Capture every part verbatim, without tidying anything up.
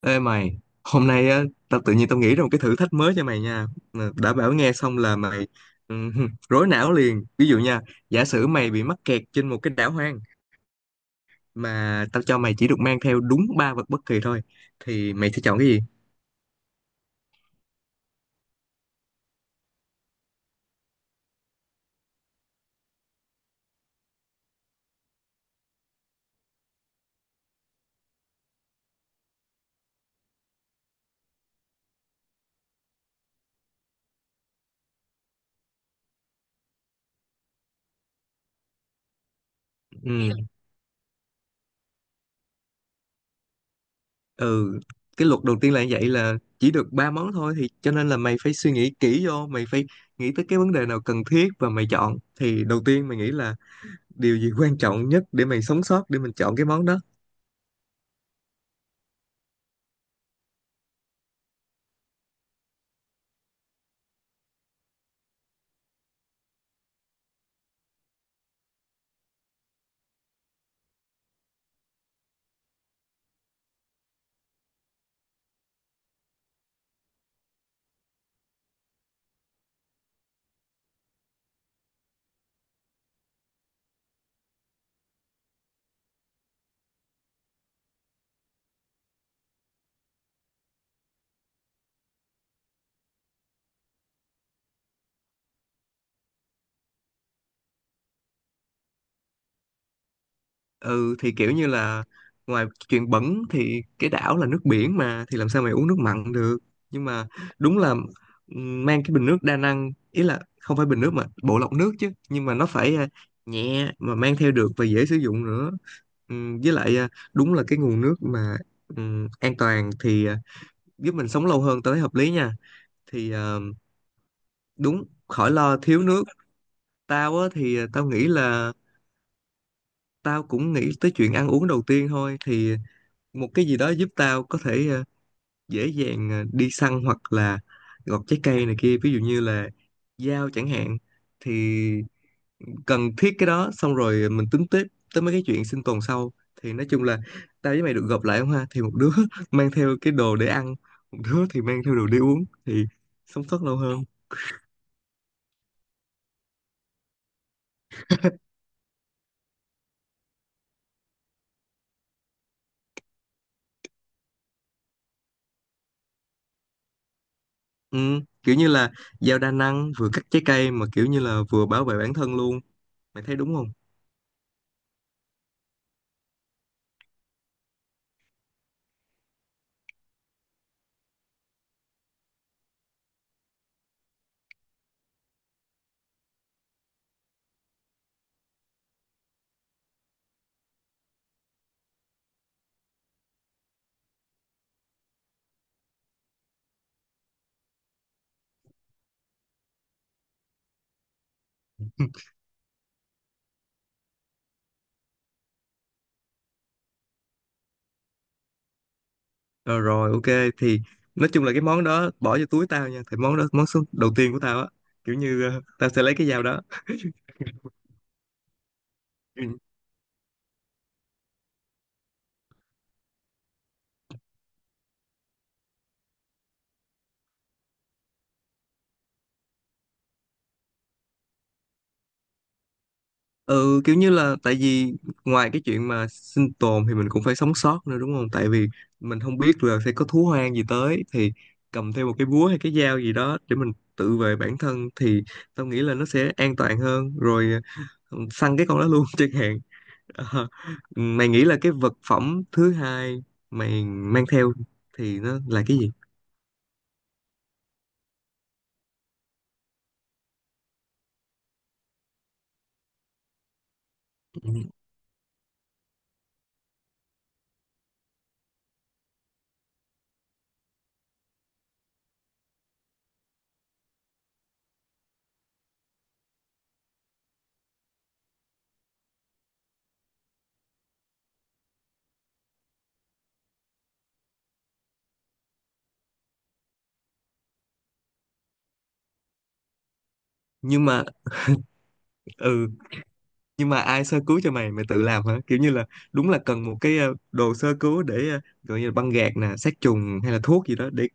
Ê mày, hôm nay á, tao tự nhiên tao nghĩ ra một cái thử thách mới cho mày nha. Mà đã bảo nghe xong là mày ừm, rối não liền. Ví dụ nha, giả sử mày bị mắc kẹt trên một cái đảo hoang mà tao cho mày chỉ được mang theo đúng ba vật bất kỳ thôi, thì mày sẽ chọn cái gì? Ừm, Ừ, cái luật đầu tiên là như vậy, là chỉ được ba món thôi, thì cho nên là mày phải suy nghĩ kỹ vô, mày phải nghĩ tới cái vấn đề nào cần thiết và mày chọn. Thì đầu tiên mày nghĩ là điều gì quan trọng nhất để mày sống sót, để mình chọn cái món đó. Ừ thì kiểu như là ngoài chuyện bẩn thì cái đảo là nước biển mà, thì làm sao mày uống nước mặn được, nhưng mà đúng là ừm, mang cái bình nước đa năng, ý là không phải bình nước mà bộ lọc nước chứ, nhưng mà nó phải à, nhẹ mà mang theo được và dễ sử dụng nữa. Ừm, với lại à, đúng là cái nguồn nước mà ừm, an toàn thì à, giúp mình sống lâu hơn tới, hợp lý nha, thì à, đúng, khỏi lo thiếu nước. Tao á thì à, tao nghĩ là tao cũng nghĩ tới chuyện ăn uống đầu tiên thôi, thì một cái gì đó giúp tao có thể ờ, dễ dàng ờ, đi săn hoặc là gọt trái cây này kia, ví dụ như là dao chẳng hạn, thì cần thiết cái đó, xong rồi mình tính tiếp tới mấy cái chuyện sinh tồn sau. Thì nói chung là tao với mày được gộp lại không ha, thì một đứa mang theo cái đồ để ăn, một đứa thì mang theo đồ để uống, thì sống sót lâu hơn. Ừ, kiểu như là dao đa năng, vừa cắt trái cây mà kiểu như là vừa bảo vệ bản thân luôn, mày thấy đúng không? Rồi, rồi, ok, thì nói chung là cái món đó bỏ vô túi tao nha, thì món đó, món số đầu tiên của tao á, kiểu như ờ, tao sẽ lấy cái dao đó. Ừ. Ừ, kiểu như là tại vì ngoài cái chuyện mà sinh tồn thì mình cũng phải sống sót nữa đúng không, tại vì mình không biết là sẽ có thú hoang gì tới, thì cầm theo một cái búa hay cái dao gì đó để mình tự vệ bản thân thì tao nghĩ là nó sẽ an toàn hơn rồi, ờ, săn cái con đó luôn chẳng hạn. Ờ, mày nghĩ là cái vật phẩm thứ hai mày mang theo thì nó là cái gì? Ừ, nhưng mà ừ nhưng mà ai sơ cứu cho mày, mày tự làm hả? Kiểu như là đúng là cần một cái ờ, đồ sơ cứu để ờ, gọi như là băng gạc nè, sát trùng hay là thuốc gì đó, để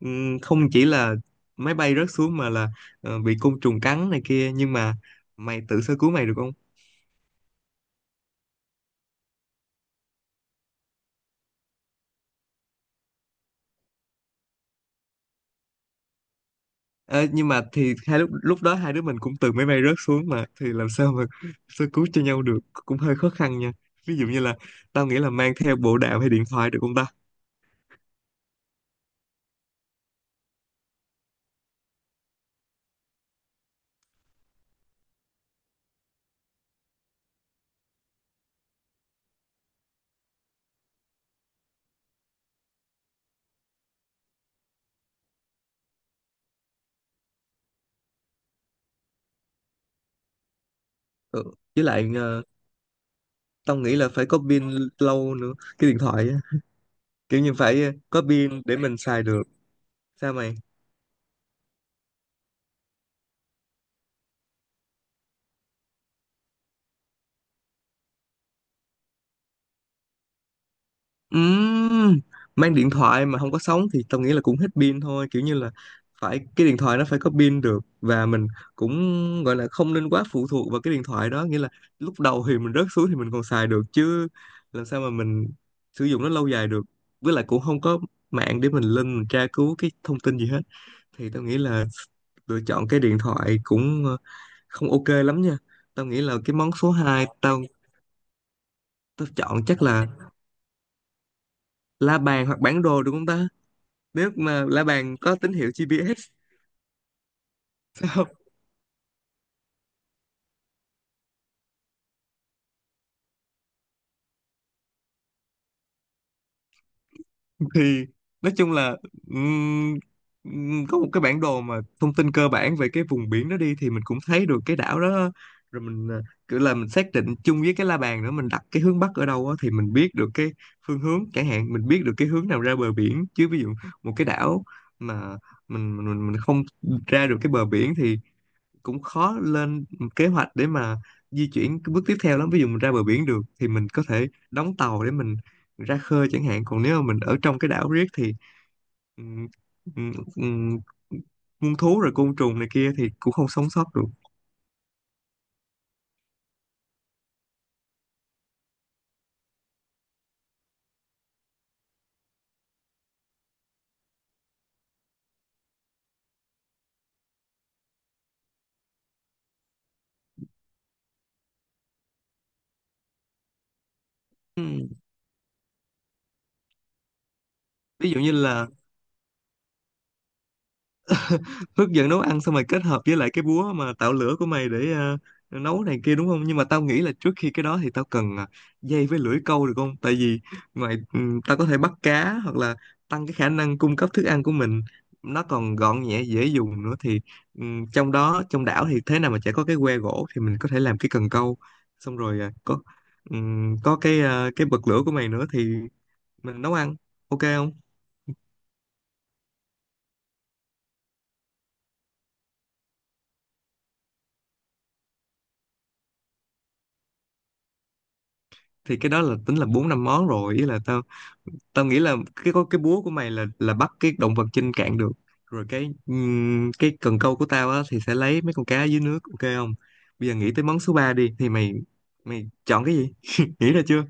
ừm, không chỉ là máy bay rớt xuống, mà là ờ, bị côn trùng cắn này kia, nhưng mà mày tự sơ cứu mày được không? Ờ, nhưng mà thì hai lúc lúc đó, hai đứa mình cũng từ máy bay rớt xuống mà, thì làm sao mà sơ cứu cho nhau được, cũng hơi khó khăn nha. Ví dụ như là tao nghĩ là mang theo bộ đàm hay điện thoại được không ta? Ừ. Với lại tao nghĩ là phải có pin lâu nữa cái điện thoại á. Kiểu như phải ờ, có pin để mình xài được, sao mày? Ừm, mang điện thoại mà không có sóng thì tao nghĩ là cũng hết pin thôi, kiểu như là phải, cái điện thoại nó phải có pin được, và mình cũng gọi là không nên quá phụ thuộc vào cái điện thoại đó, nghĩa là lúc đầu thì mình rớt xuống thì mình còn xài được, chứ làm sao mà mình sử dụng nó lâu dài được, với lại cũng không có mạng để mình lên mình tra cứu cái thông tin gì hết. Thì tao nghĩ là lựa chọn cái điện thoại cũng ờ, không ok lắm nha. Tao nghĩ là cái món số hai tao, tao chọn chắc là la bàn hoặc bản đồ, đúng không ta? Nếu mà la bàn có tín hiệu giê pê ét không? Thì nói chung là ừm, ừm, có một cái bản đồ mà thông tin cơ bản về cái vùng biển đó đi, thì mình cũng thấy được cái đảo đó, rồi mình à, kiểu là mình xác định chung với cái la bàn nữa, mình đặt cái hướng bắc ở đâu á, thì mình biết được cái phương hướng, chẳng hạn mình biết được cái hướng nào ra bờ biển chứ. Ví dụ một cái đảo mà mình mình mình mình không ra được cái bờ biển thì cũng khó lên kế hoạch để mà di chuyển cái bước tiếp theo lắm. Ví dụ mình ra bờ biển được thì mình có thể đóng tàu để mình ra khơi chẳng hạn, còn nếu mà mình ở trong cái đảo riết thì ừm, ừm, ừm, muôn thú rồi côn trùng này kia thì cũng không sống sót được. Ừm, ví dụ như là hướng dẫn nấu ăn, xong rồi kết hợp với lại cái búa mà tạo lửa của mày để ờ, nấu này kia đúng không? Nhưng mà tao nghĩ là trước khi cái đó thì tao cần ờ, dây với lưỡi câu được không? Tại vì ngoài ừm, tao có thể bắt cá hoặc là tăng cái khả năng cung cấp thức ăn của mình, nó còn gọn nhẹ dễ dùng nữa, thì ừm, trong đó, trong đảo thì thế nào mà chả có cái que gỗ, thì mình có thể làm cái cần câu, xong rồi ờ, có ừm, có cái ờ, cái bật lửa của mày nữa thì mình nấu ăn, ok không? Thì cái đó là tính là bốn năm món rồi, ý là tao, tao nghĩ là cái, có cái búa của mày là là bắt cái động vật trên cạn được, rồi cái ừm, cái cần câu của tao á thì sẽ lấy mấy con cá dưới nước, ok không? Bây giờ nghĩ tới món số ba đi, thì mày, mày chọn cái gì? Nghĩ ra chưa?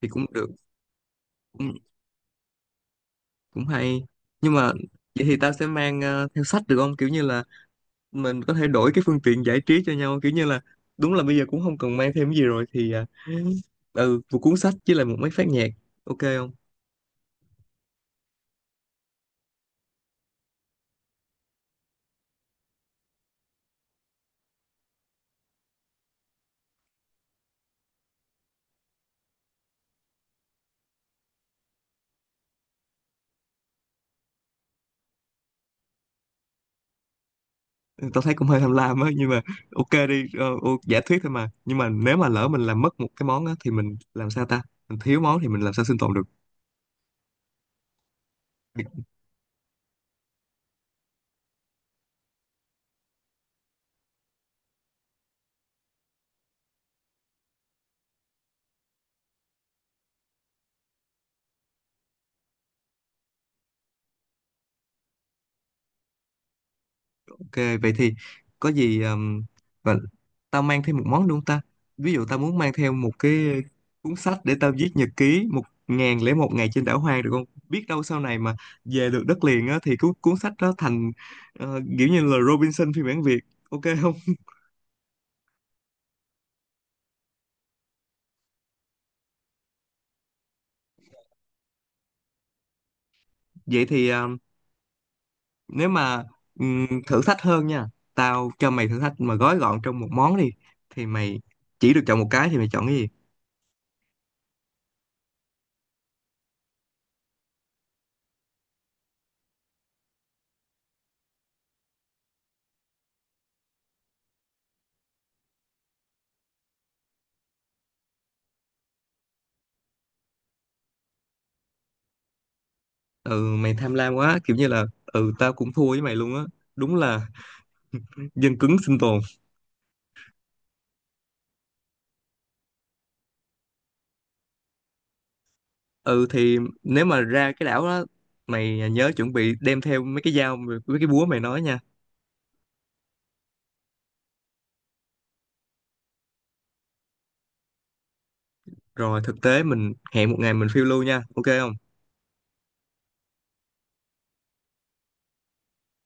Thì cũng được, cũng, cũng hay, nhưng mà vậy thì tao sẽ mang ờ, theo sách được không, kiểu như là mình có thể đổi cái phương tiện giải trí cho nhau, kiểu như là đúng là bây giờ cũng không cần mang thêm cái gì rồi, thì ờ, ừ một cuốn sách với lại một máy phát nhạc, ok không? Tao thấy cũng hơi tham lam á, nhưng mà ok đi. Ờ, ô- giả thuyết thôi mà, nhưng mà nếu mà lỡ mình làm mất một cái món á thì mình làm sao ta, mình thiếu món thì mình làm sao sinh tồn được? Ok, vậy thì có gì um, và tao mang thêm một món đúng không ta? Ví dụ tao muốn mang theo một cái cuốn sách để tao viết nhật ký một ngàn lẻ một ngày trên đảo hoang được không, biết đâu sau này mà về được đất liền á, thì cuốn cuốn sách đó thành ờ, kiểu như là Robinson phiên bản Việt, ok không? Vậy thì ờ, nếu mà ừm, thử thách hơn nha, tao cho mày thử thách mà gói gọn trong một món đi, thì mày chỉ được chọn một cái, thì mày chọn cái gì? Ừ mày tham lam quá, kiểu như là, ừ tao cũng thua với mày luôn á. Đúng là dân cứng sinh tồn. Ừ thì nếu mà ra cái đảo đó, mày nhớ chuẩn bị đem theo mấy cái dao mấy cái búa mày nói nha. Rồi thực tế mình hẹn một ngày mình phiêu lưu nha, ok không?